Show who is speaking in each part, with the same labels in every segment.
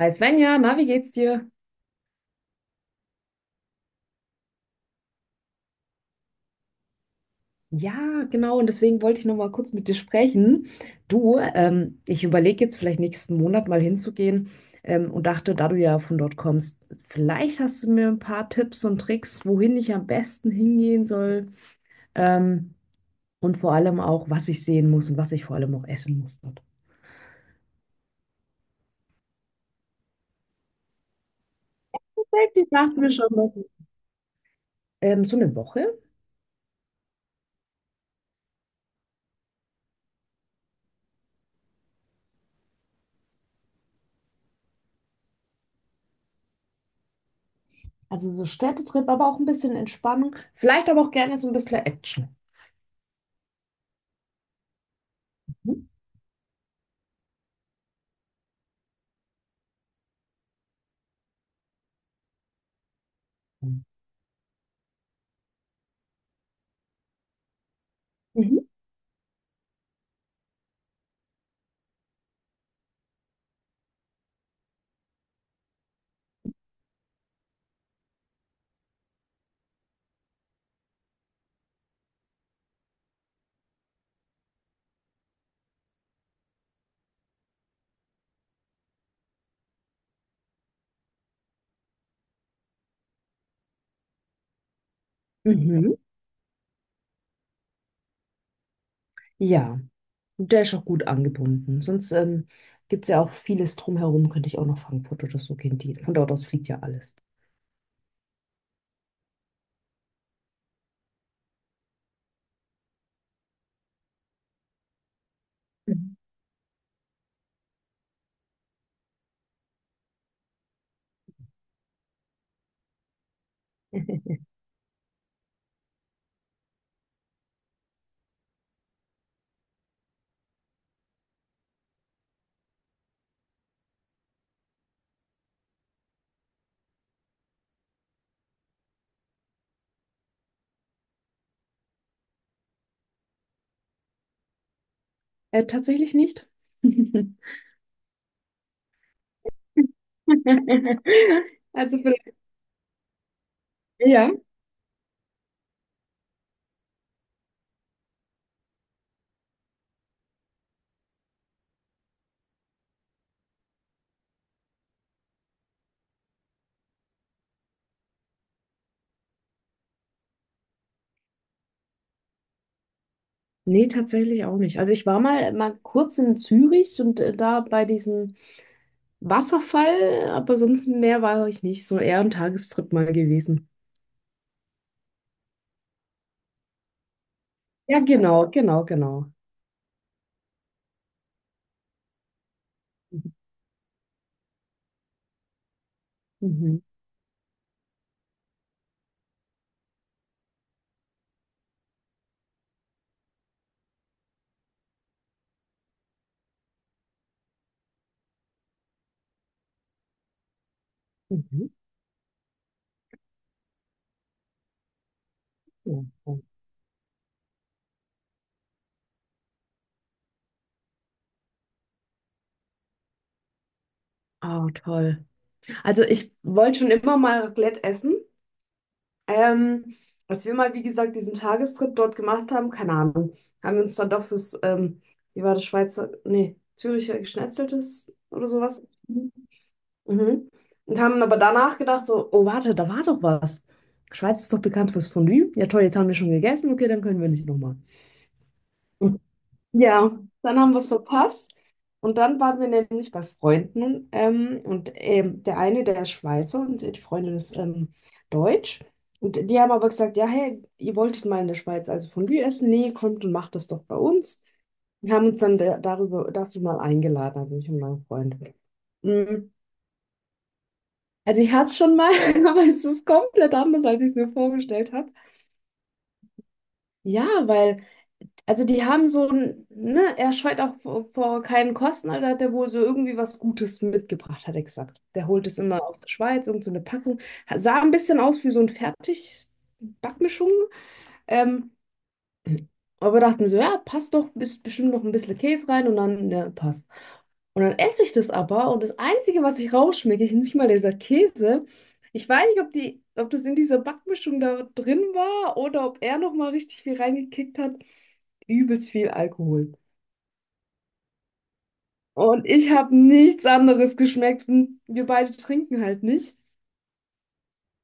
Speaker 1: Hi Svenja, na, wie geht's dir? Ja, genau, und deswegen wollte ich noch mal kurz mit dir sprechen. Du, ich überlege jetzt vielleicht nächsten Monat mal hinzugehen, und dachte, da du ja von dort kommst, vielleicht hast du mir ein paar Tipps und Tricks, wohin ich am besten hingehen soll, ähm, und vor allem auch, was ich sehen muss und was ich vor allem auch essen muss dort. Ich dachte mir schon, dass- So eine Woche, also so Städtetrip, aber auch ein bisschen Entspannung, vielleicht aber auch gerne so ein bisschen Action. Mhm. Mhm. Mhm. Ja. Der ist auch gut angebunden. Sonst gibt es ja auch vieles drumherum, könnte ich auch nach Frankfurt oder so gehen. Die, von dort aus fliegt ja alles. Mhm. Tatsächlich nicht. Also vielleicht, ja. Nee, tatsächlich auch nicht. Also ich war mal, mal kurz in Zürich und da bei diesem Wasserfall, aber sonst mehr war ich nicht. So eher ein Tagestrip mal gewesen. Ja, genau, genau, genau. Mhm. Mhm. Mhm. Ja, ja. Ah, toll. Also ich wollte schon immer mal Raclette essen. Ähm, als wir mal, wie gesagt, diesen Tagestrip dort gemacht haben, keine Ahnung, haben wir uns dann doch fürs, wie war das Schweizer, nee, Züricher Geschnetzeltes oder sowas. Mhm. Und haben aber danach gedacht, so, oh, warte, da war doch was. Schweiz ist doch bekannt fürs Fondue. Ja, toll, jetzt haben wir schon gegessen. Okay, dann können wir nicht nochmal. Ja, dann haben wir es verpasst. Und dann waren wir nämlich bei Freunden. Der eine, der ist Schweizer und die Freundin ist Deutsch. Und die haben aber gesagt, ja, hey, ihr wolltet mal in der Schweiz also Fondue essen? Nee, kommt und macht das doch bei uns. Wir haben uns dann darüber, dafür mal eingeladen, also ich und mein Freund. Mm, Also ich hatte es schon mal, aber es ist komplett anders, als ich es mir vorgestellt habe. Ja, weil... Also die haben so ein, ne, er scheut auch vor keinen Kosten, also hat er wohl so irgendwie was Gutes mitgebracht, hat er gesagt. Der holt es immer aus der Schweiz, irgend so eine Packung. Sah ein bisschen aus wie so ein Fertig-Backmischung. Ähm, aber dachten wir so, ja, passt doch, ist bestimmt noch ein bisschen Käse rein und dann, ja, passt. Und dann esse ich das aber und das Einzige, was ich rausschmecke, ist nicht mal dieser Käse. Ich weiß nicht, ob die, ob das in dieser Backmischung da drin war oder ob er nochmal richtig viel reingekickt hat. Übelst viel Alkohol. Und ich habe nichts anderes geschmeckt und wir beide trinken halt nicht.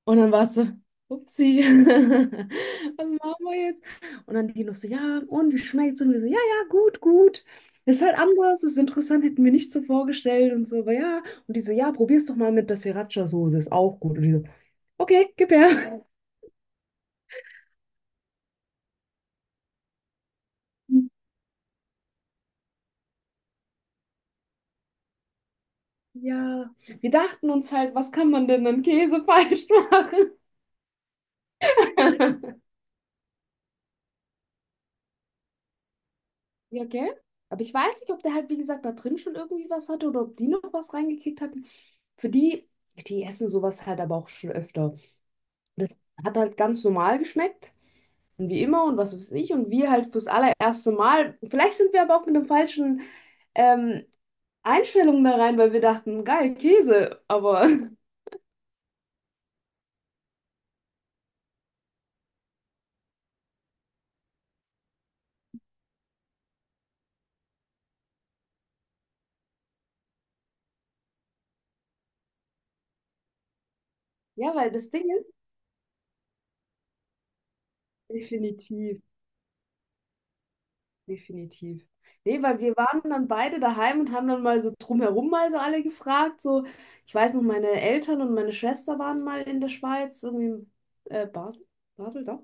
Speaker 1: Und dann war es so, upsie, was machen wir jetzt? Und dann die noch so, ja, und wie schmeckt's? Und wir so, ja, ja, gut, gut. Ist halt anders, ist interessant, hätten wir nicht so vorgestellt und so, aber ja. Und die so, ja, probier's doch mal mit der Sriracha-Soße, ist auch gut. Und die so, okay, gib her. Ja, wir dachten uns halt, was kann man denn an Käse falsch machen? Ja, gell? Aber ich weiß nicht, ob der halt, wie gesagt, da drin schon irgendwie was hatte oder ob die noch was reingekickt hatten. Für die, die essen sowas halt aber auch schon öfter. Das hat halt ganz normal geschmeckt und wie immer und was weiß ich und wir halt fürs allererste Mal, vielleicht sind wir aber auch mit einer falschen ähm, Einstellung da rein, weil wir dachten, geil, Käse, aber ja, weil das Ding ist, definitiv, definitiv. Nee, weil wir waren dann beide daheim und haben dann mal so drumherum mal so alle gefragt, so, ich weiß noch, meine Eltern und meine Schwester waren mal in der Schweiz, irgendwie in Basel, Basel, doch.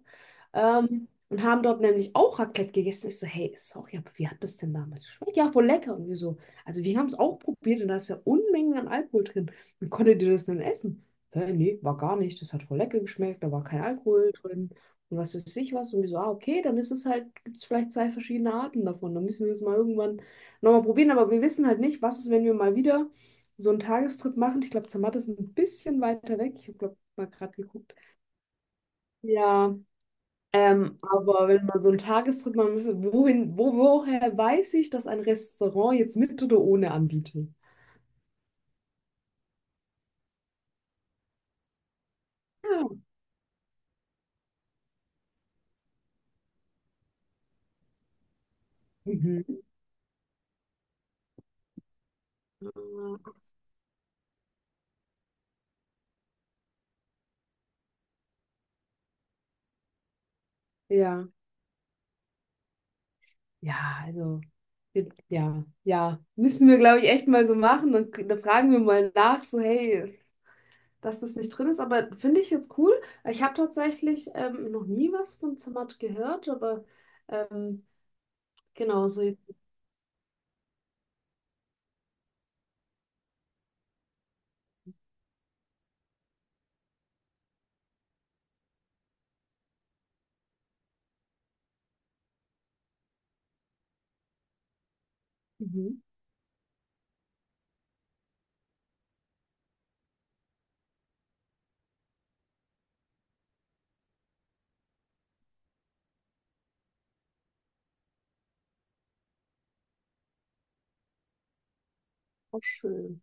Speaker 1: Und haben dort nämlich auch Raclette gegessen. Ich so, hey, sorry, aber wie hat das denn damals geschmeckt? Ja, voll lecker. Und wir so, also wir haben es auch probiert und da ist ja Unmengen an Alkohol drin. Wie konntet ihr das denn essen? Hä, nee, war gar nicht. Das hat voll lecker geschmeckt, da war kein Alkohol drin. Und was weiß ich was. Und wir so, ah, okay, dann ist es halt, gibt es vielleicht zwei verschiedene Arten davon. Dann müssen wir es mal irgendwann nochmal probieren. Aber wir wissen halt nicht, was ist, wenn wir mal wieder so einen Tagestrip machen. Ich glaube, Zermatt ist ein bisschen weiter weg. Ich habe, glaube, mal gerade geguckt. Ja. Aber wenn man so einen Tagestrip machen müsste, wohin, wo, woher weiß ich, dass ein Restaurant jetzt mit oder ohne anbietet? Ja. Mhm. Äh, Ja, ja, also, ja, ja, müssen wir, glaube ich, echt mal so machen. Dann, dann fragen wir mal nach, so, hey, dass das nicht drin ist. Aber finde ich jetzt cool. Ich habe tatsächlich noch nie was von Zermatt gehört, aber ähm, genau, so jetzt. Mhm. Auch schön.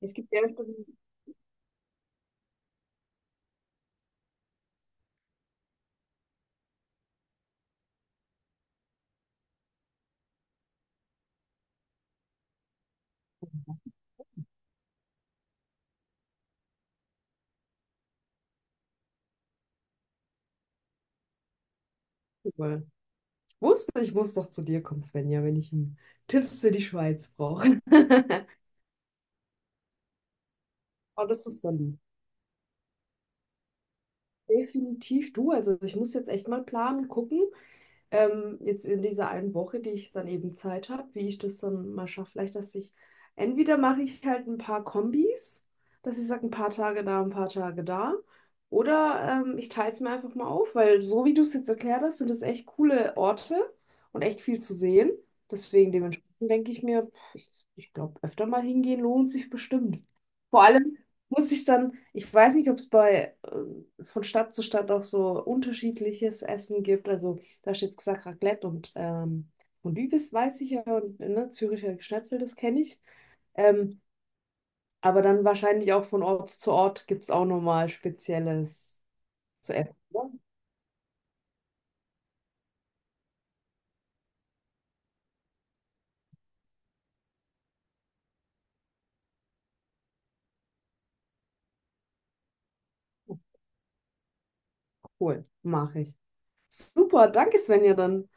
Speaker 1: Es gibt ja öfter. Wusste, ich muss doch zu dir kommen, Svenja, wenn ich einen Tipps für die Schweiz brauche. Oh, das ist dann lieb. Definitiv du. Also ich muss jetzt echt mal planen, gucken. Ähm, jetzt in dieser einen Woche, die ich dann eben Zeit habe, wie ich das dann mal schaffe. Vielleicht, dass ich, entweder mache ich halt ein paar Kombis, dass ich sage, ein paar Tage da, ein paar Tage da. Oder ich teile es mir einfach mal auf, weil so wie du es jetzt erklärt hast, sind das echt coole Orte und echt viel zu sehen. Deswegen dementsprechend denke ich mir, pff, ich glaube, öfter mal hingehen lohnt sich bestimmt. Vor allem muss ich dann, ich weiß nicht, ob es bei von Stadt zu Stadt auch so unterschiedliches Essen gibt. Also du hast jetzt gesagt, Raclette und Fondue, weiß ich ja, und ne, Züricher Schnitzel, das kenne ich. Ähm, aber dann wahrscheinlich auch von Ort zu Ort gibt es auch nochmal Spezielles zu essen. Oder? Cool, mache ich. Super, danke Svenja, dann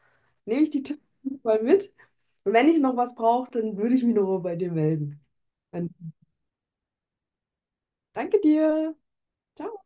Speaker 1: nehme ich die Tipps mal mit. Und wenn ich noch was brauche, dann würde ich mich nochmal bei dir melden. Dann danke dir. Ciao.